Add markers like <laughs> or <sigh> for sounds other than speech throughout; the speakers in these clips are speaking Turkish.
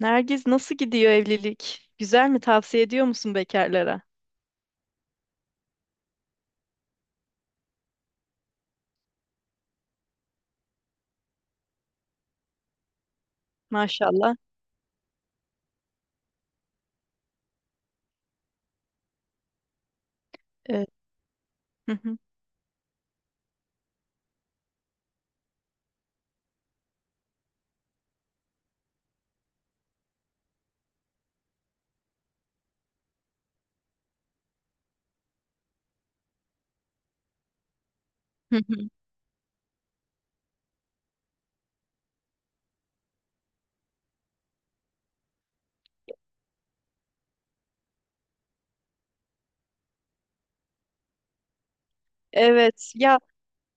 Nergiz nasıl gidiyor evlilik? Güzel mi? Tavsiye ediyor musun bekarlara? Maşallah. Evet. Hı hı. <laughs> Hı hı. Evet. Ya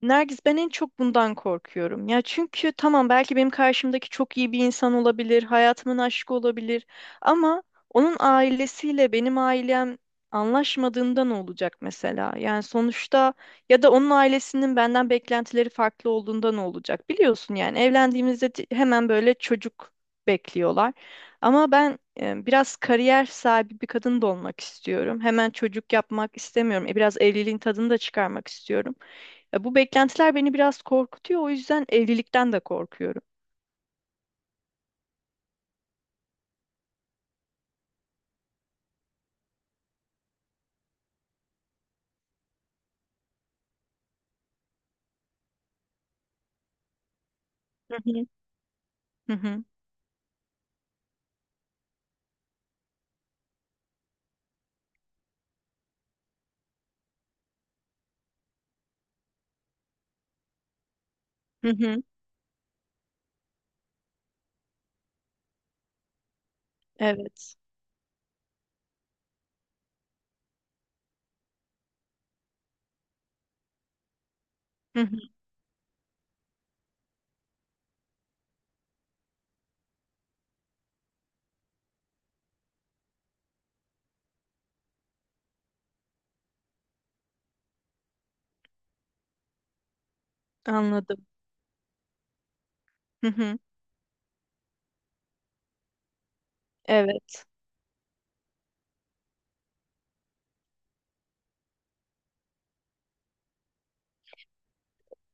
Nergis ben en çok bundan korkuyorum. Ya çünkü tamam belki benim karşımdaki çok iyi bir insan olabilir, hayatımın aşkı olabilir ama onun ailesiyle benim ailem anlaşmadığında ne olacak mesela? Yani sonuçta ya da onun ailesinin benden beklentileri farklı olduğunda ne olacak? Biliyorsun yani evlendiğimizde hemen böyle çocuk bekliyorlar. Ama ben biraz kariyer sahibi bir kadın da olmak istiyorum. Hemen çocuk yapmak istemiyorum. Biraz evliliğin tadını da çıkarmak istiyorum. Ya bu beklentiler beni biraz korkutuyor. O yüzden evlilikten de korkuyorum. Hı hı. Hı hı. Hı hı. Evet. Hı hı. Anladım. Hı hı. Evet.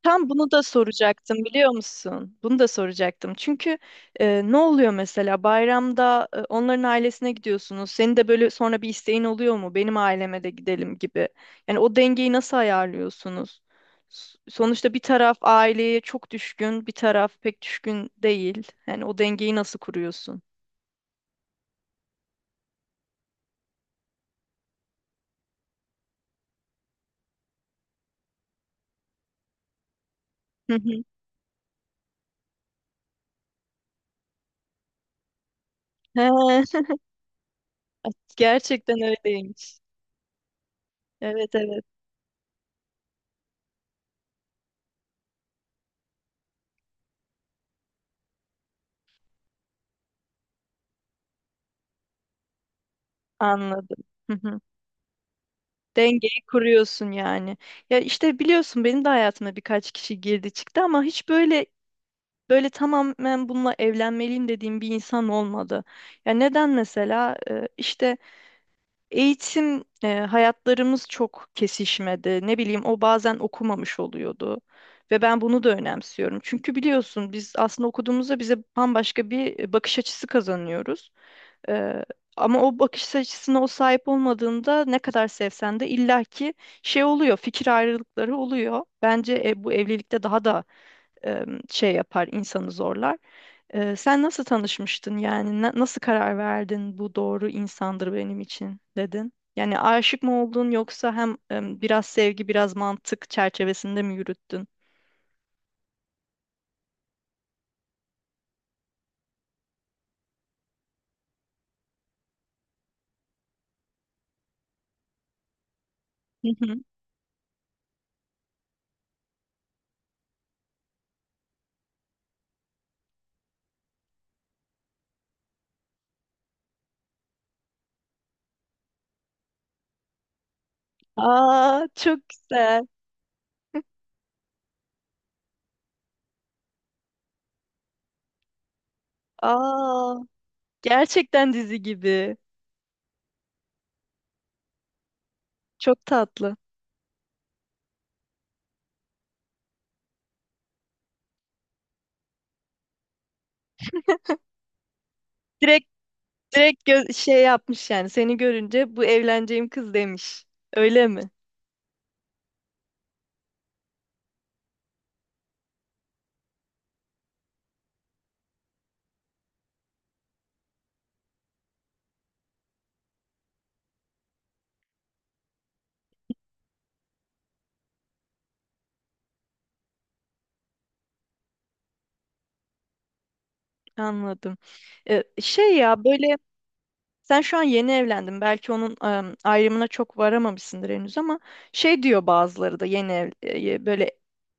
Tam bunu da soracaktım biliyor musun? Bunu da soracaktım. Çünkü ne oluyor mesela bayramda onların ailesine gidiyorsunuz. Senin de böyle sonra bir isteğin oluyor mu? Benim aileme de gidelim gibi. Yani o dengeyi nasıl ayarlıyorsunuz? Sonuçta bir taraf aileye çok düşkün, bir taraf pek düşkün değil. Yani o dengeyi nasıl kuruyorsun? Hı hı. <laughs> He, gerçekten öyleymiş. Evet, evet, anladım. Hı hı. Dengeyi kuruyorsun yani. Ya işte biliyorsun benim de hayatıma birkaç kişi girdi çıktı ama hiç böyle tamamen bununla evlenmeliyim dediğim bir insan olmadı. Ya, neden mesela? İşte eğitim, hayatlarımız çok kesişmedi. Ne bileyim o bazen okumamış oluyordu. Ve ben bunu da önemsiyorum. Çünkü biliyorsun biz aslında okuduğumuzda bize bambaşka bir bakış açısı kazanıyoruz. Ee, ama o bakış açısına o sahip olmadığında ne kadar sevsen de illaki şey oluyor, fikir ayrılıkları oluyor. Bence bu evlilikte daha da e, şey yapar, insanı zorlar. Sen nasıl tanışmıştın yani? Nasıl karar verdin bu doğru insandır benim için dedin? Yani aşık mı oldun yoksa hem biraz sevgi biraz mantık çerçevesinde mi yürüttün? Hı hı. Aa, çok güzel. Aa, gerçekten dizi gibi. Çok tatlı. Direkt Direkt şey yapmış yani seni görünce bu evleneceğim kız demiş. Öyle mi? Anladım. Şey ya böyle sen şu an yeni evlendin. Belki onun ayrımına çok varamamışsındır henüz ama şey diyor bazıları da böyle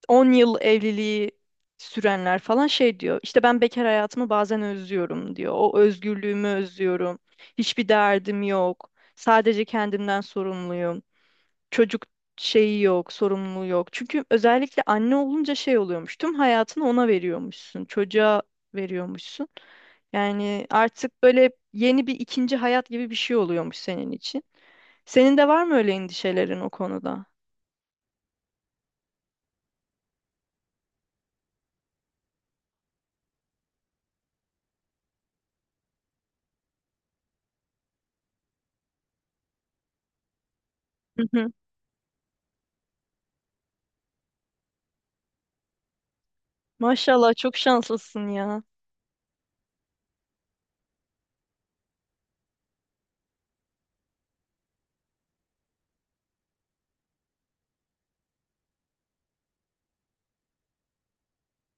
10 yıl evliliği sürenler falan şey diyor. İşte ben bekar hayatımı bazen özlüyorum diyor. O özgürlüğümü özlüyorum. Hiçbir derdim yok. Sadece kendimden sorumluyum. Çocuk şeyi yok, sorumluluğu yok. Çünkü özellikle anne olunca şey oluyormuş. Tüm hayatını ona veriyormuşsun, çocuğa veriyormuşsun. Yani artık böyle yeni bir ikinci hayat gibi bir şey oluyormuş senin için. Senin de var mı öyle endişelerin o konuda? Hı hı. Maşallah, çok şanslısın ya.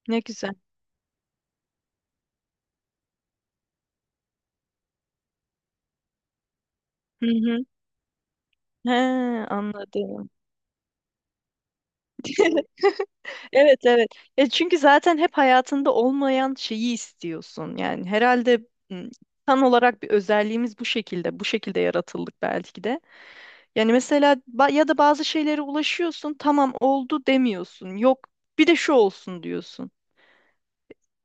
Ne güzel. Hı hı. He, anladım. <laughs> Evet, evet. E, çünkü zaten hep hayatında olmayan şeyi istiyorsun. Yani herhalde m, insan olarak bir özelliğimiz bu şekilde. Bu şekilde yaratıldık belki de. Yani mesela ya da bazı şeylere ulaşıyorsun, tamam oldu demiyorsun. Yok, bir de şu olsun diyorsun.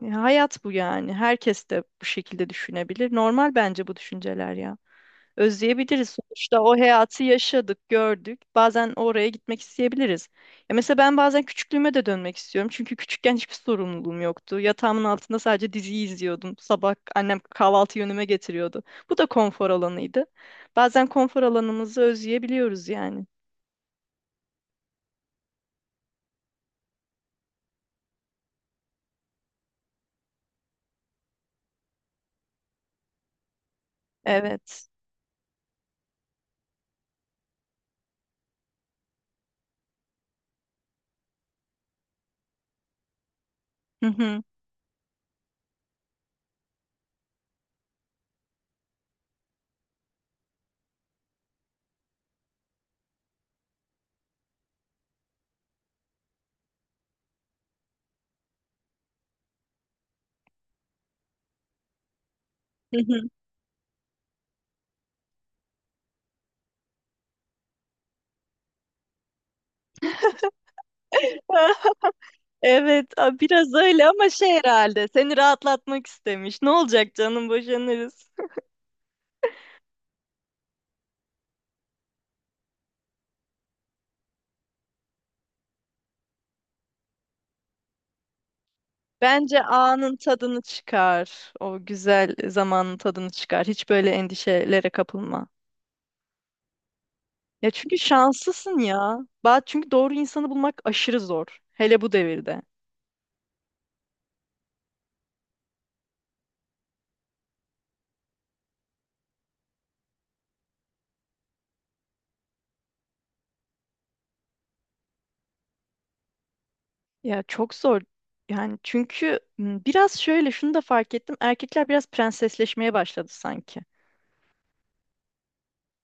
Ya, hayat bu yani. Herkes de bu şekilde düşünebilir. Normal bence bu düşünceler ya. Özleyebiliriz. Sonuçta o hayatı yaşadık, gördük. Bazen oraya gitmek isteyebiliriz. Ya mesela ben bazen küçüklüğüme de dönmek istiyorum. Çünkü küçükken hiçbir sorumluluğum yoktu. Yatağımın altında sadece diziyi izliyordum. Sabah annem kahvaltı yönüme getiriyordu. Bu da konfor alanıydı. Bazen konfor alanımızı özleyebiliyoruz yani. Evet. Hı hı. Hı hı. <laughs> Evet, biraz öyle ama şey herhalde seni rahatlatmak istemiş. Ne olacak canım, boşanırız. Bence anın tadını çıkar. O güzel zamanın tadını çıkar. Hiç böyle endişelere kapılma. Ya çünkü şanslısın ya. Çünkü doğru insanı bulmak aşırı zor. Hele bu devirde. Ya çok zor. Yani çünkü biraz şöyle şunu da fark ettim. Erkekler biraz prensesleşmeye başladı sanki.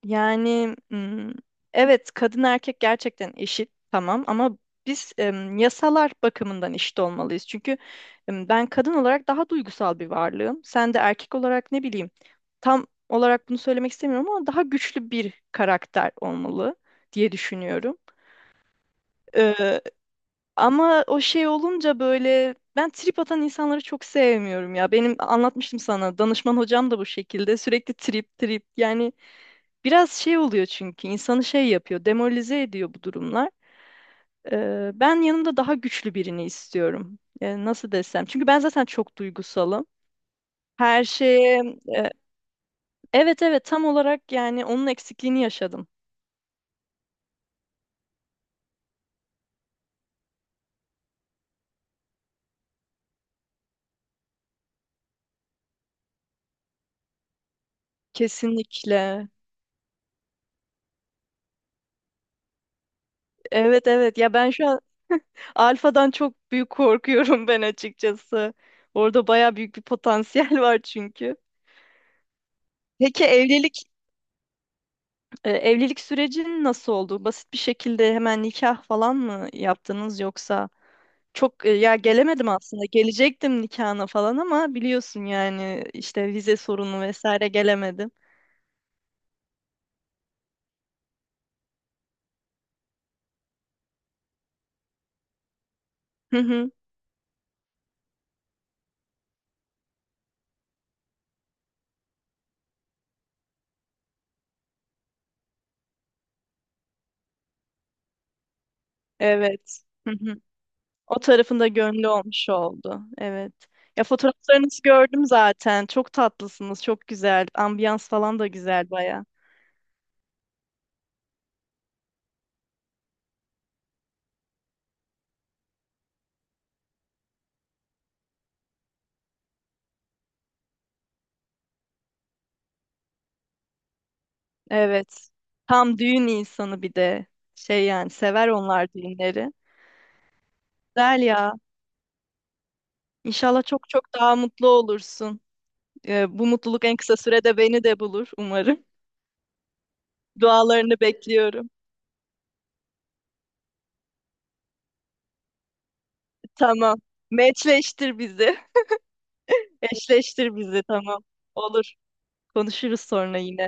Yani evet, kadın erkek gerçekten eşit tamam ama biz yasalar bakımından eşit olmalıyız. Çünkü ben kadın olarak daha duygusal bir varlığım. Sen de erkek olarak ne bileyim, tam olarak bunu söylemek istemiyorum ama daha güçlü bir karakter olmalı diye düşünüyorum. Ee, ama o şey olunca böyle ben trip atan insanları çok sevmiyorum ya. Benim anlatmıştım sana, danışman hocam da bu şekilde sürekli trip trip yani. Biraz şey oluyor çünkü insanı şey yapıyor, demoralize ediyor bu durumlar. Ben yanımda daha güçlü birini istiyorum. Nasıl desem? Çünkü ben zaten çok duygusalım. Her şeye, e, evet, evet, tam olarak yani onun eksikliğini yaşadım. Kesinlikle. Evet, evet, ya ben şu an alfadan çok büyük korkuyorum ben açıkçası. Orada baya büyük bir potansiyel <laughs> var çünkü. Peki evlilik, sürecin nasıl oldu? Basit bir şekilde hemen nikah falan mı yaptınız yoksa? Ya gelemedim aslında. Gelecektim nikahına falan ama biliyorsun yani işte vize sorunu vesaire gelemedim. Hı hı. Evet. Hı hı. O tarafında gönlü olmuş oldu. Evet. Ya fotoğraflarınızı gördüm zaten. Çok tatlısınız. Çok güzel. Ambiyans falan da güzel baya. Evet. Tam düğün insanı bir de. Şey yani, sever onlar düğünleri. Güzel ya. İnşallah çok çok daha mutlu olursun. Bu mutluluk en kısa sürede beni de bulur umarım. Dualarını bekliyorum. Tamam. Meçleştir bizi. <laughs> Eşleştir bizi, tamam. Olur. Konuşuruz sonra yine.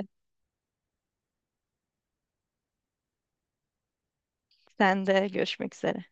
Sen de, görüşmek üzere.